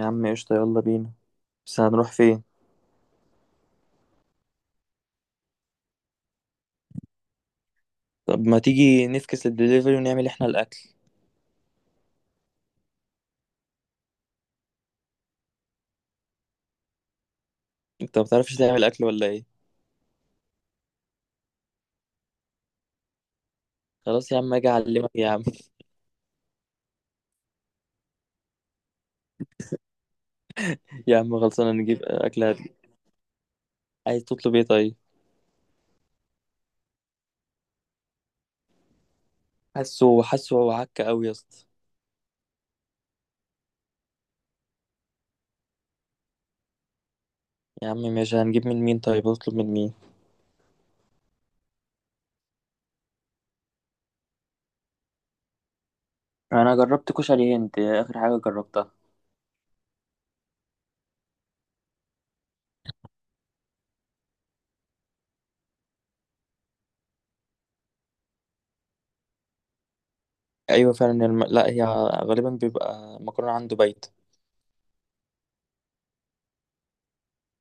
يا عم قشطة، يلا بينا. بس هنروح فين؟ طب ما تيجي نفكس للدليفري ونعمل احنا الاكل. انت ما بتعرفش تعمل اكل ولا ايه؟ خلاص يا عم، اجي اعلمك يا عم. يا عم خلصانه نجيب اكل عايز تطلب ايه طيب؟ حاسه هو عك قوي يا اسطى. يا عم ماشي، هنجيب من مين طيب؟ هطلب من مين؟ انا جربت كشري هند آخر حاجة جربتها. ايوه فعلا لا، هي غالبا بيبقى مكرونه عنده بايت.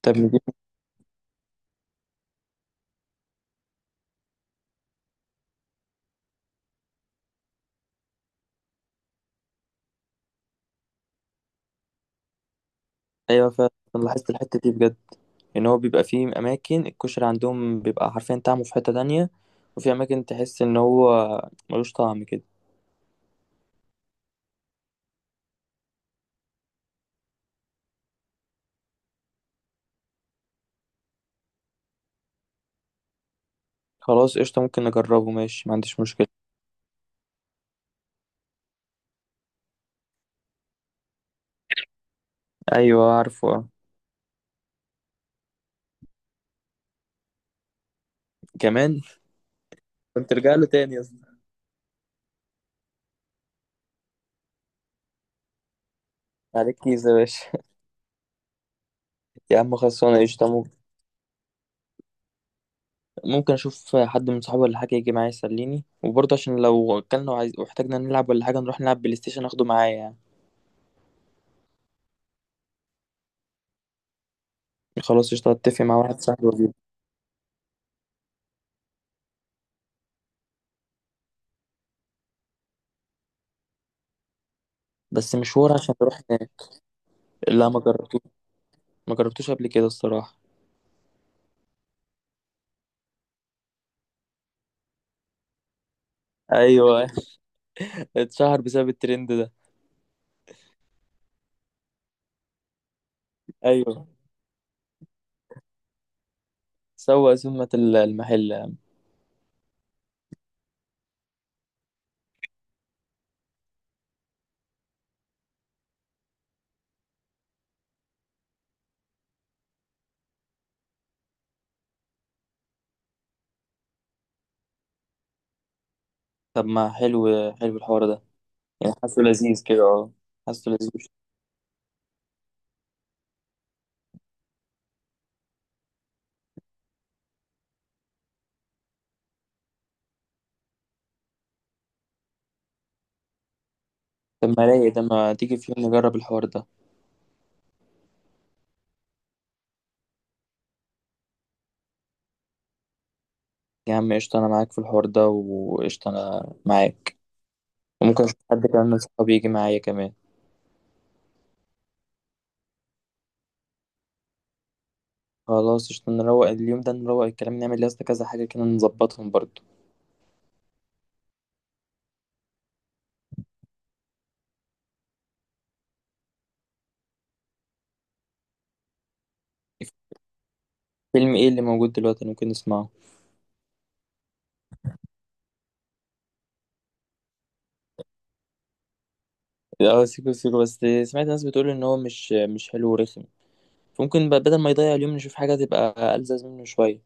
طب ايوه فعلا، أنا لاحظت الحته دي بجد، ان هو بيبقى فيه اماكن الكشري عندهم بيبقى حرفيا طعمه في حته تانية، وفي اماكن تحس ان هو ملوش طعم كده. خلاص قشطه، ممكن نجربه، ماشي، ما عنديش مشكله. ايوه، عارفه آه. كمان. كنت ارجع له تاني يا اسطى. عليك كيس يا باشا. يا عم خلصانه قشطه، ممكن اشوف حد من صحابي ولا حاجه يجي معايا يسليني، وبرضه عشان لو اكلنا وعايز واحتاجنا نلعب ولا حاجه نروح نلعب بلاي ستيشن اخده معايا يعني. خلاص قشطه، اتفق مع واحد صاحبي واجيبه. بس مشوار عشان نروح هناك. لا، ما جربتوش. ما جربتوش قبل كده الصراحة. ايوه. اتشهر بسبب الترند ده. ايوه. سوق سمة المحل. طب ما حلو، حلو الحوار ده. يعني حاسه لذيذ كده، اه. حاسه لذيذ. طب ما رايق ده، ما تيجي في يوم نجرب الحوار ده. يا عم قشطة، انا معاك في الحوار ده، وقشطة انا معاك. وممكن اشوف حد كمان من صحابي يجي معايا كمان. خلاص قشطة، نروق اليوم ده، نروق الكلام، نعمل لسه كذا حاجة كده، نظبطهم برضه. فيلم ايه اللي موجود دلوقتي ممكن نسمعه؟ اه، سيكو سيكو، بس سمعت ناس بتقول ان هو مش حلو ورخم. فممكن بقى بدل ما يضيع اليوم نشوف حاجة تبقى ألذذ منه شوية.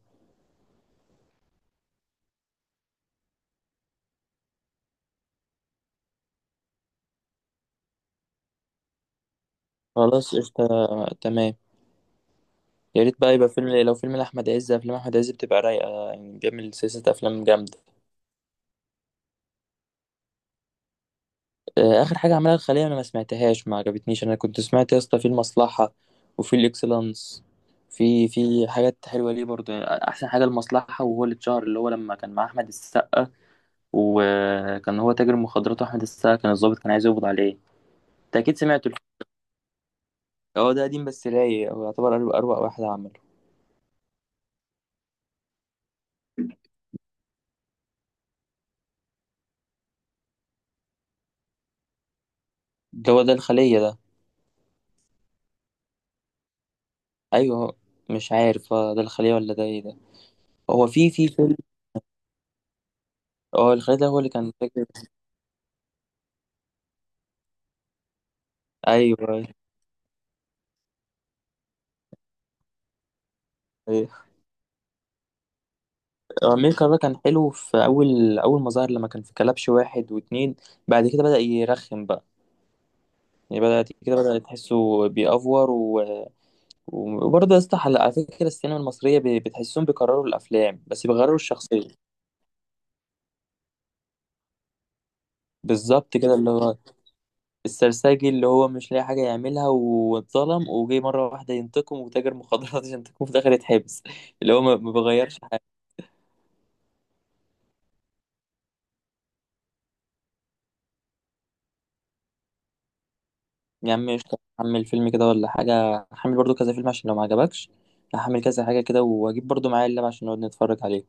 خلاص قشطة. تمام. يا ريت بقى يبقى فيلم، لو فيلم لأحمد عز، أفلام أحمد عز بتبقى رايقة يعني، بيعمل سلسلة أفلام جامدة. آه، آخر حاجة عملها الخلية، أنا ما سمعتهاش، ما عجبتنيش. أنا كنت سمعت يا اسطى في المصلحة وفي الإكسلانس. في حاجات حلوة ليه برضه يعني. أحسن حاجة المصلحة، وهو اللي اتشهر، اللي هو لما كان مع أحمد السقا، وكان هو تاجر مخدرات وأحمد السقا كان الضابط كان عايز يقبض عليه. أنت أكيد سمعته الفيلم. هو ده قديم بس رايق، هو يعتبر أروع أروع واحد عمل. ده هو ده الخلية ده. أيوه. مش عارف، ده الخلية ولا ده إيه ده. هو في فيلم، هو الخلية ده هو اللي كان فاكر. أيوه. أيوه، آه، أمير كرارة كان حلو في أول أول ما ظهر، لما كان في كلبش واحد واتنين. بعد كده بدأ يرخم بقى. يعني بدأ كده، بدأ تحسه بيأفور وبرضه يا اسطى، على فكرة السينما المصرية بتحسهم بيكرروا الأفلام بس بيغيروا الشخصية. بالظبط كده، اللي هو السرساجي، اللي هو مش لاقي حاجة يعملها واتظلم وجي مرة واحدة ينتقم وتاجر مخدرات عشان ينتقم في الآخر يتحبس. اللي هو ما بيغيرش حاجة. يا عم قشطة، هحمل فيلم كده ولا حاجة، هحمل برضو كذا فيلم عشان لو ما عجبكش. هحمل كذا حاجة كده، وهجيب برضو معايا اللاب عشان نقعد نتفرج عليه.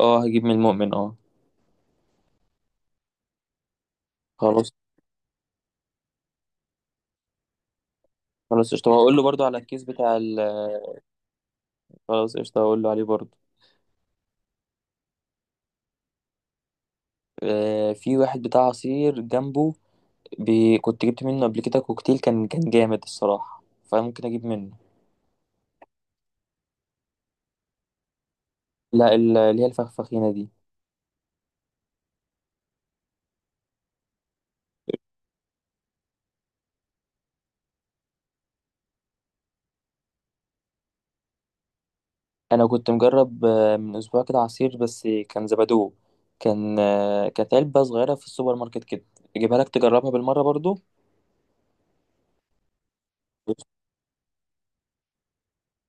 اه، هجيب من المؤمن اه. خلاص. خلاص قشطة، وهقول له برضو على الكيس بتاع خلاص قشطة، هقول له عليه برضو. آه، في واحد بتاع عصير جنبه. كنت جبت منه قبل كده كوكتيل، كان جامد الصراحة، فممكن أجيب منه. لا، اللي هي الفخفخينة دي. أنا كنت مجرب من أسبوع كده عصير، بس كان زبادو. كان كانت علبة صغيرة في السوبر ماركت كده. أجيبها لك تجربها بالمرة برضو.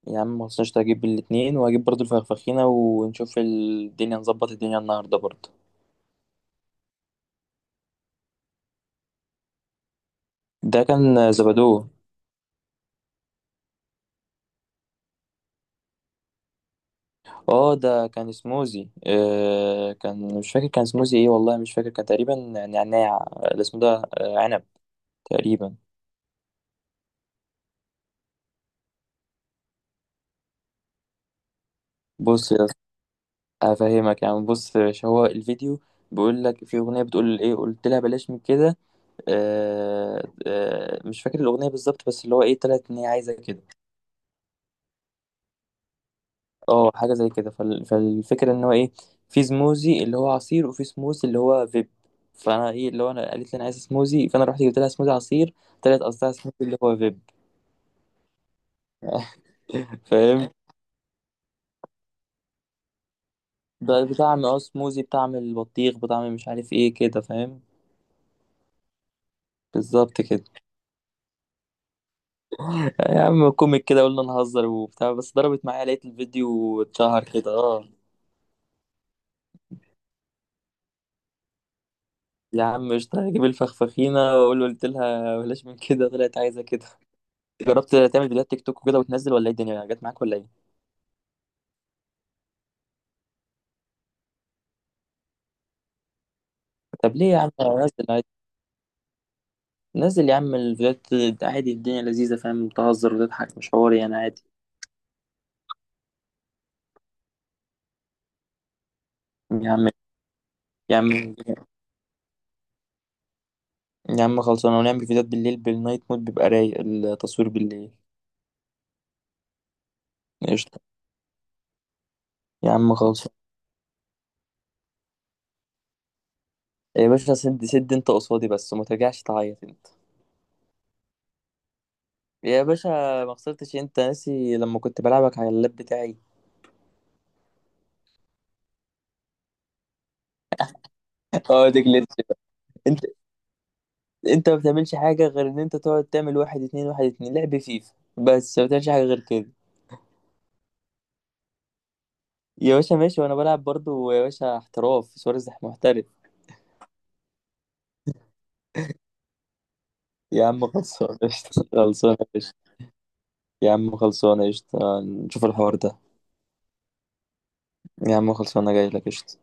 يا عم مخصناش، هجيب الاتنين وهجيب برضو الفخفخينة ونشوف الدنيا، نظبط الدنيا النهاردة برضو. ده كان زبادو. اه، ده كان سموزي، كان مش فاكر، كان سموزي ايه والله مش فاكر، كان تقريبا نعناع الاسم ده. آه، عنب، تقريبا. بص يا افهمك يعني، بص يا باشا. هو الفيديو بيقول لك، في اغنيه بتقول ايه قلت لها بلاش من كده. آه، آه، مش فاكر الاغنيه بالظبط، بس اللي هو ايه، طلعت ان هي عايزه كده. اه، حاجه زي كده، فالفكره ان هو ايه، في سموزي اللي هو عصير وفي سموزي اللي هو فيب. فانا ايه، اللي هو انا قالت لي انا عايزه سموزي، فانا رحت جبت لها سموزي عصير. طلعت قصدها سموزي اللي هو فيب. فاهم. ده بطعم، اه، سموزي بطعم البطيخ، بطعم مش عارف ايه كده، فاهم. بالظبط كده. يا عم كوميك كده، قلنا نهزر وبتاع، بس ضربت معايا، لقيت الفيديو اتشهر كده، اه. يا عم قشطة، هجيب الفخفخينة واقول له قلت لها بلاش من كده، طلعت عايزة كده. جربت تعمل فيديوهات تيك توك وكده وتنزل، ولا ايه الدنيا جت معاك ولا ايه؟ طب ليه يا عم؟ نزل عادي. نزل يا عم الفيديوهات عادي، الدنيا لذيذة، فاهم تهزر وتضحك، مش حواري انا عادي. يا عم، يا عم، يا عم، خلصانة، ونعمل فيديوهات بالليل، بالنايت مود بيبقى رايق التصوير بالليل. قشطة. يا عم خلصانة. يا باشا سد سد انت قصادي بس، وما ترجعش تعيط انت. يا باشا ما خسرتش، انت ناسي لما كنت بلعبك على اللاب بتاعي. اه، ده جلitch بقى. انت انت ما بتعملش حاجه غير ان انت تقعد تعمل واحد اتنين، واحد اتنين، لعب فيفا بس، ما بتعملش حاجه غير كده. يا باشا ماشي، وانا بلعب برضو يا باشا احتراف سواريز محترف. يا عم خلصانه قشطه، خلصانه قشطه. يا عم خلصانه قشطه، نشوف الحوار ده. يا عم خلصانه، جاي لك قشطه.